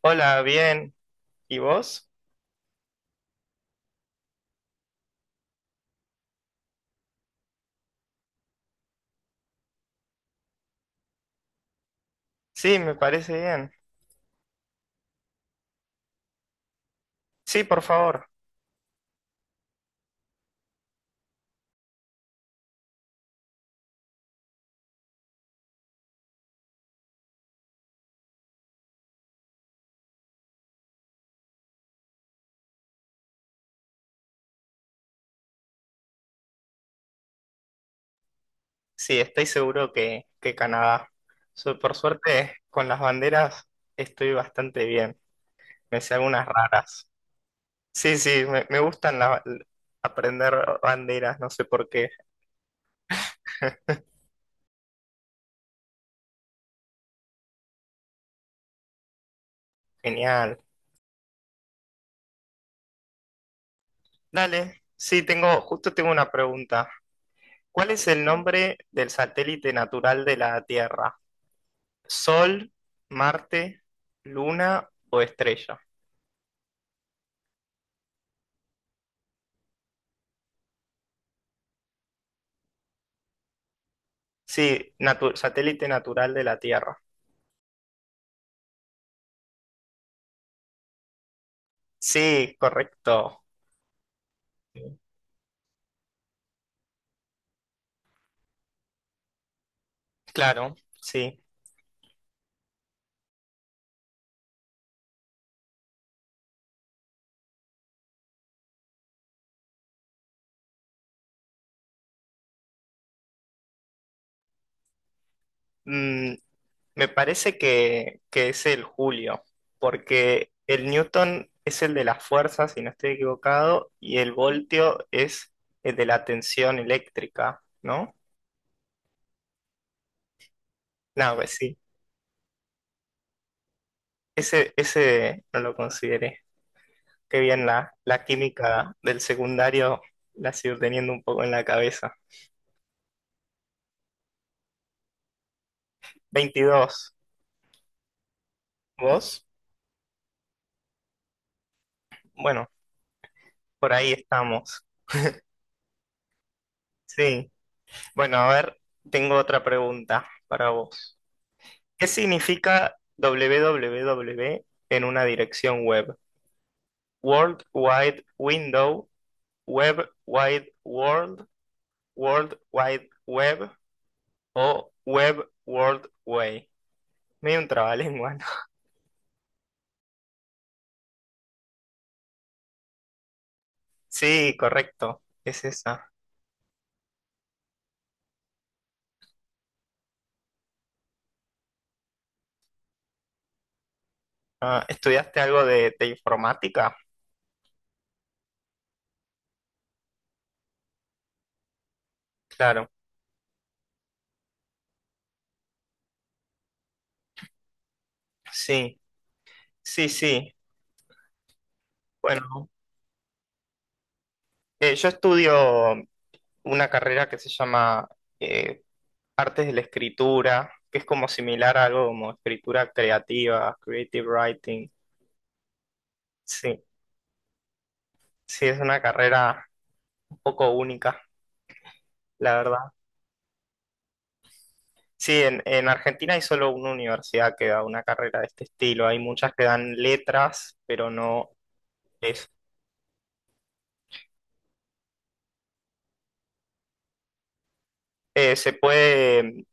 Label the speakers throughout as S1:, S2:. S1: Hola, bien. ¿Y vos? Sí, me parece bien. Sí, por favor. Sí, estoy seguro que Canadá. Por suerte, con las banderas estoy bastante bien. Me sé algunas raras. Sí, sí, me gustan aprender banderas, no sé por qué. Genial. Dale. Sí, justo tengo una pregunta. ¿Cuál es el nombre del satélite natural de la Tierra? ¿Sol, Marte, Luna o estrella? Sí, satélite natural de la Tierra. Sí, correcto. Claro, sí. Mm, me parece que es el julio, porque el Newton es el de las fuerzas, si no estoy equivocado, y el voltio es el de la tensión eléctrica, ¿no? No, pues sí. Ese no lo consideré. Qué bien, la química del secundario la sigo teniendo un poco en la cabeza. 22. ¿Vos? Bueno, por ahí estamos. Sí. Bueno, a ver, tengo otra pregunta para vos. ¿Qué significa www en una dirección web? World Wide Window, Web Wide World, World Wide Web o Web World Way. Medio un trabalengua, ¿no? Sí, correcto. Es esa. Ah, ¿estudiaste algo de informática? Claro. Sí, sí, sí. Bueno, yo estudio una carrera que se llama eh, Artes de la Escritura, que es como similar a algo como escritura creativa, creative writing. Sí, sí, es una carrera un poco única, la verdad. Sí, en Argentina hay solo una universidad que da una carrera de este estilo. Hay muchas que dan letras, pero no es. Se puede,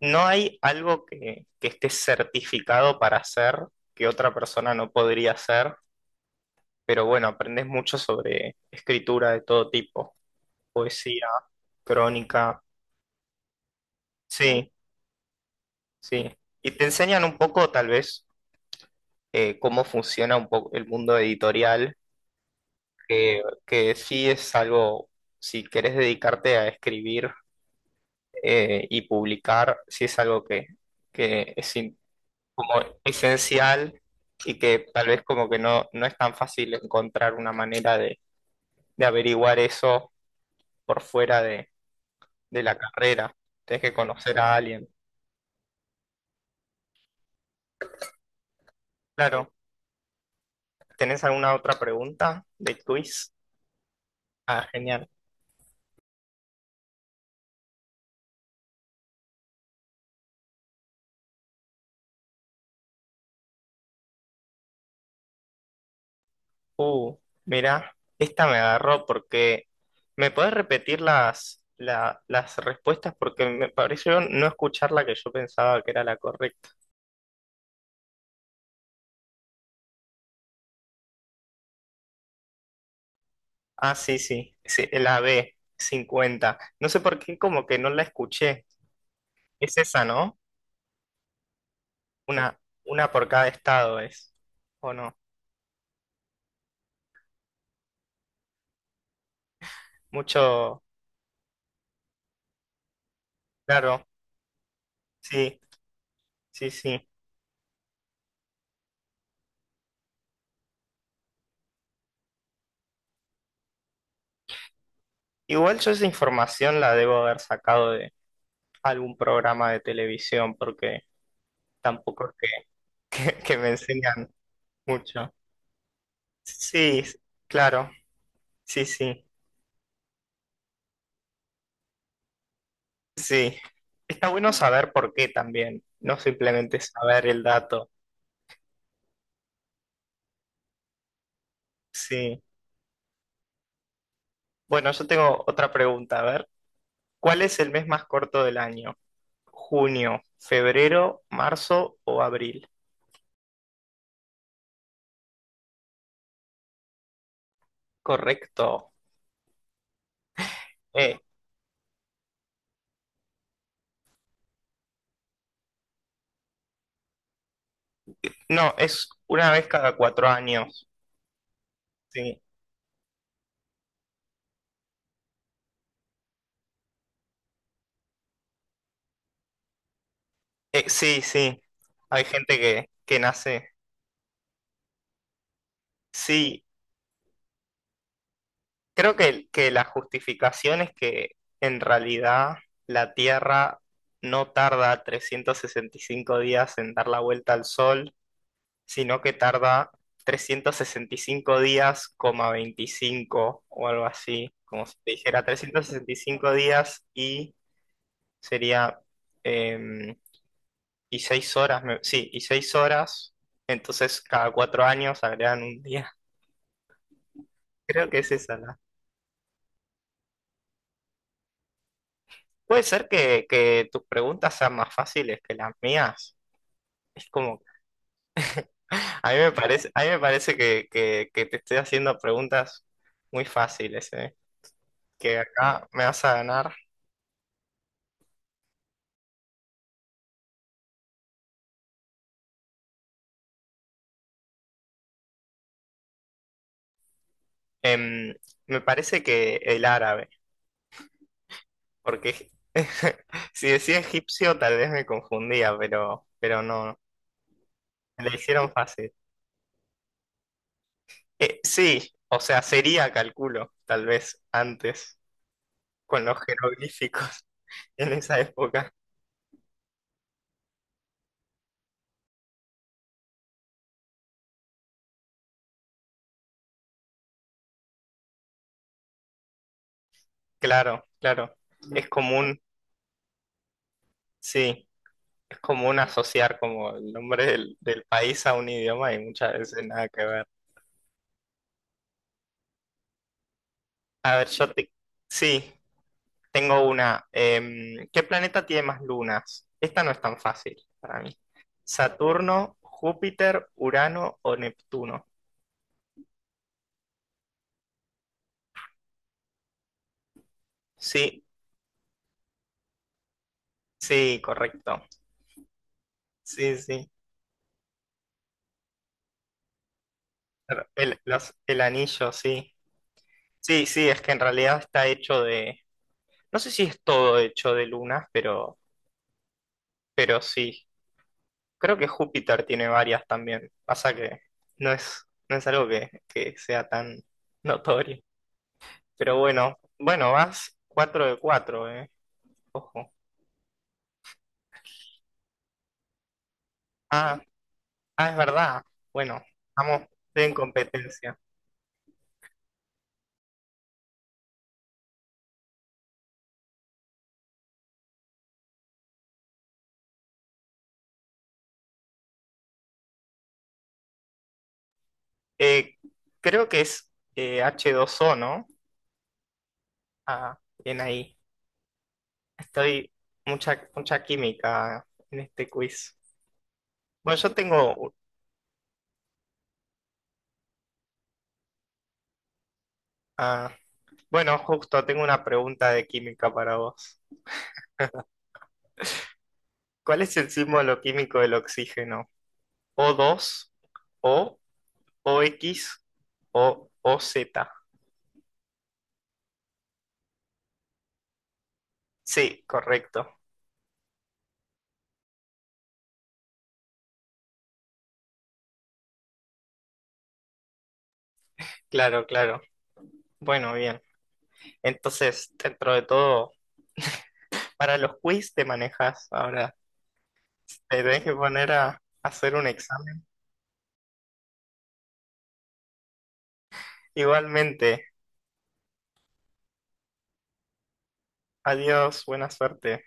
S1: no hay algo que esté certificado para hacer que otra persona no podría hacer. Pero bueno, aprendes mucho sobre escritura de todo tipo, poesía, crónica, sí, sí. Y te enseñan un poco, tal vez, cómo funciona un poco el mundo editorial, que sí es algo, si querés dedicarte a escribir y publicar, sí es algo que es como esencial, y que tal vez como que no es tan fácil encontrar una manera de averiguar eso por fuera de la carrera. Tienes que conocer a alguien. Claro. ¿Tenés alguna otra pregunta de quiz? Ah, genial. Uh, mira, esta me agarró porque. ¿Me podés repetir las respuestas? Porque me pareció no escuchar la que yo pensaba que era la correcta. Ah, sí, sí. Sí, la B, 50. No sé por qué como que no la escuché. Es esa, ¿no? Una, una por cada estado es. ¿O no? Mucho. Claro. Sí, sí, sí. Igual yo esa información la debo haber sacado de algún programa de televisión, porque tampoco es que me enseñan mucho. Sí, claro, sí, sí, sí. Está bueno saber por qué también, no simplemente saber el dato. Sí. Bueno, yo tengo otra pregunta. A ver, ¿cuál es el mes más corto del año? ¿Junio, febrero, marzo o abril? Correcto. Eh, no, es una vez cada 4 años. Sí. Sí, sí, hay gente que nace. Sí, creo que la justificación es que en realidad la Tierra no tarda 365 días en dar la vuelta al Sol, sino que tarda 365 días, coma 25 o algo así, como si te dijera 365 días y sería em, y 6 horas, sí, y 6 horas, entonces cada 4 años agregan un día. Creo que es esa la. Puede ser que tus preguntas sean más fáciles que las mías. Es como, a mí me parece, a mí me parece que te estoy haciendo preguntas muy fáciles, ¿eh? Que acá me vas a ganar. Em, me parece que el árabe, porque si decía egipcio tal vez me confundía, pero no, me la hicieron fácil. Sí, o sea, sería, calculo, tal vez antes, con los jeroglíficos en esa época. Claro, claro. Es común, sí, es común asociar como el nombre del país a un idioma y muchas veces nada que ver. A ver, yo te. Sí, tengo una. ¿Qué planeta tiene más lunas? Esta no es tan fácil para mí. ¿Saturno, Júpiter, Urano o Neptuno? Sí, sí, correcto. Sí, sí. Pero el anillo, sí. Sí, sí, es que en realidad está hecho de. No sé si es todo hecho de lunas, pero sí. Creo que Júpiter tiene varias también. Pasa que no es algo que sea tan notorio. Pero bueno, bueno, vas 4 de cuatro, eh. Ojo. Ah, ah, es verdad. Bueno, estamos en competencia. Eh, creo que es H2O, ¿no? Ah, bien ahí. Estoy mucha, mucha química en este quiz. Bueno, yo tengo, ah, bueno, justo tengo una pregunta de química para vos. ¿Cuál es el símbolo químico del oxígeno? O2, O, OX o OZ. Sí, correcto. Claro, claro. Bueno, bien. Entonces, dentro de todo, para los quiz te manejas ahora. Te tenés que poner a hacer un examen. Igualmente. Adiós, buena suerte.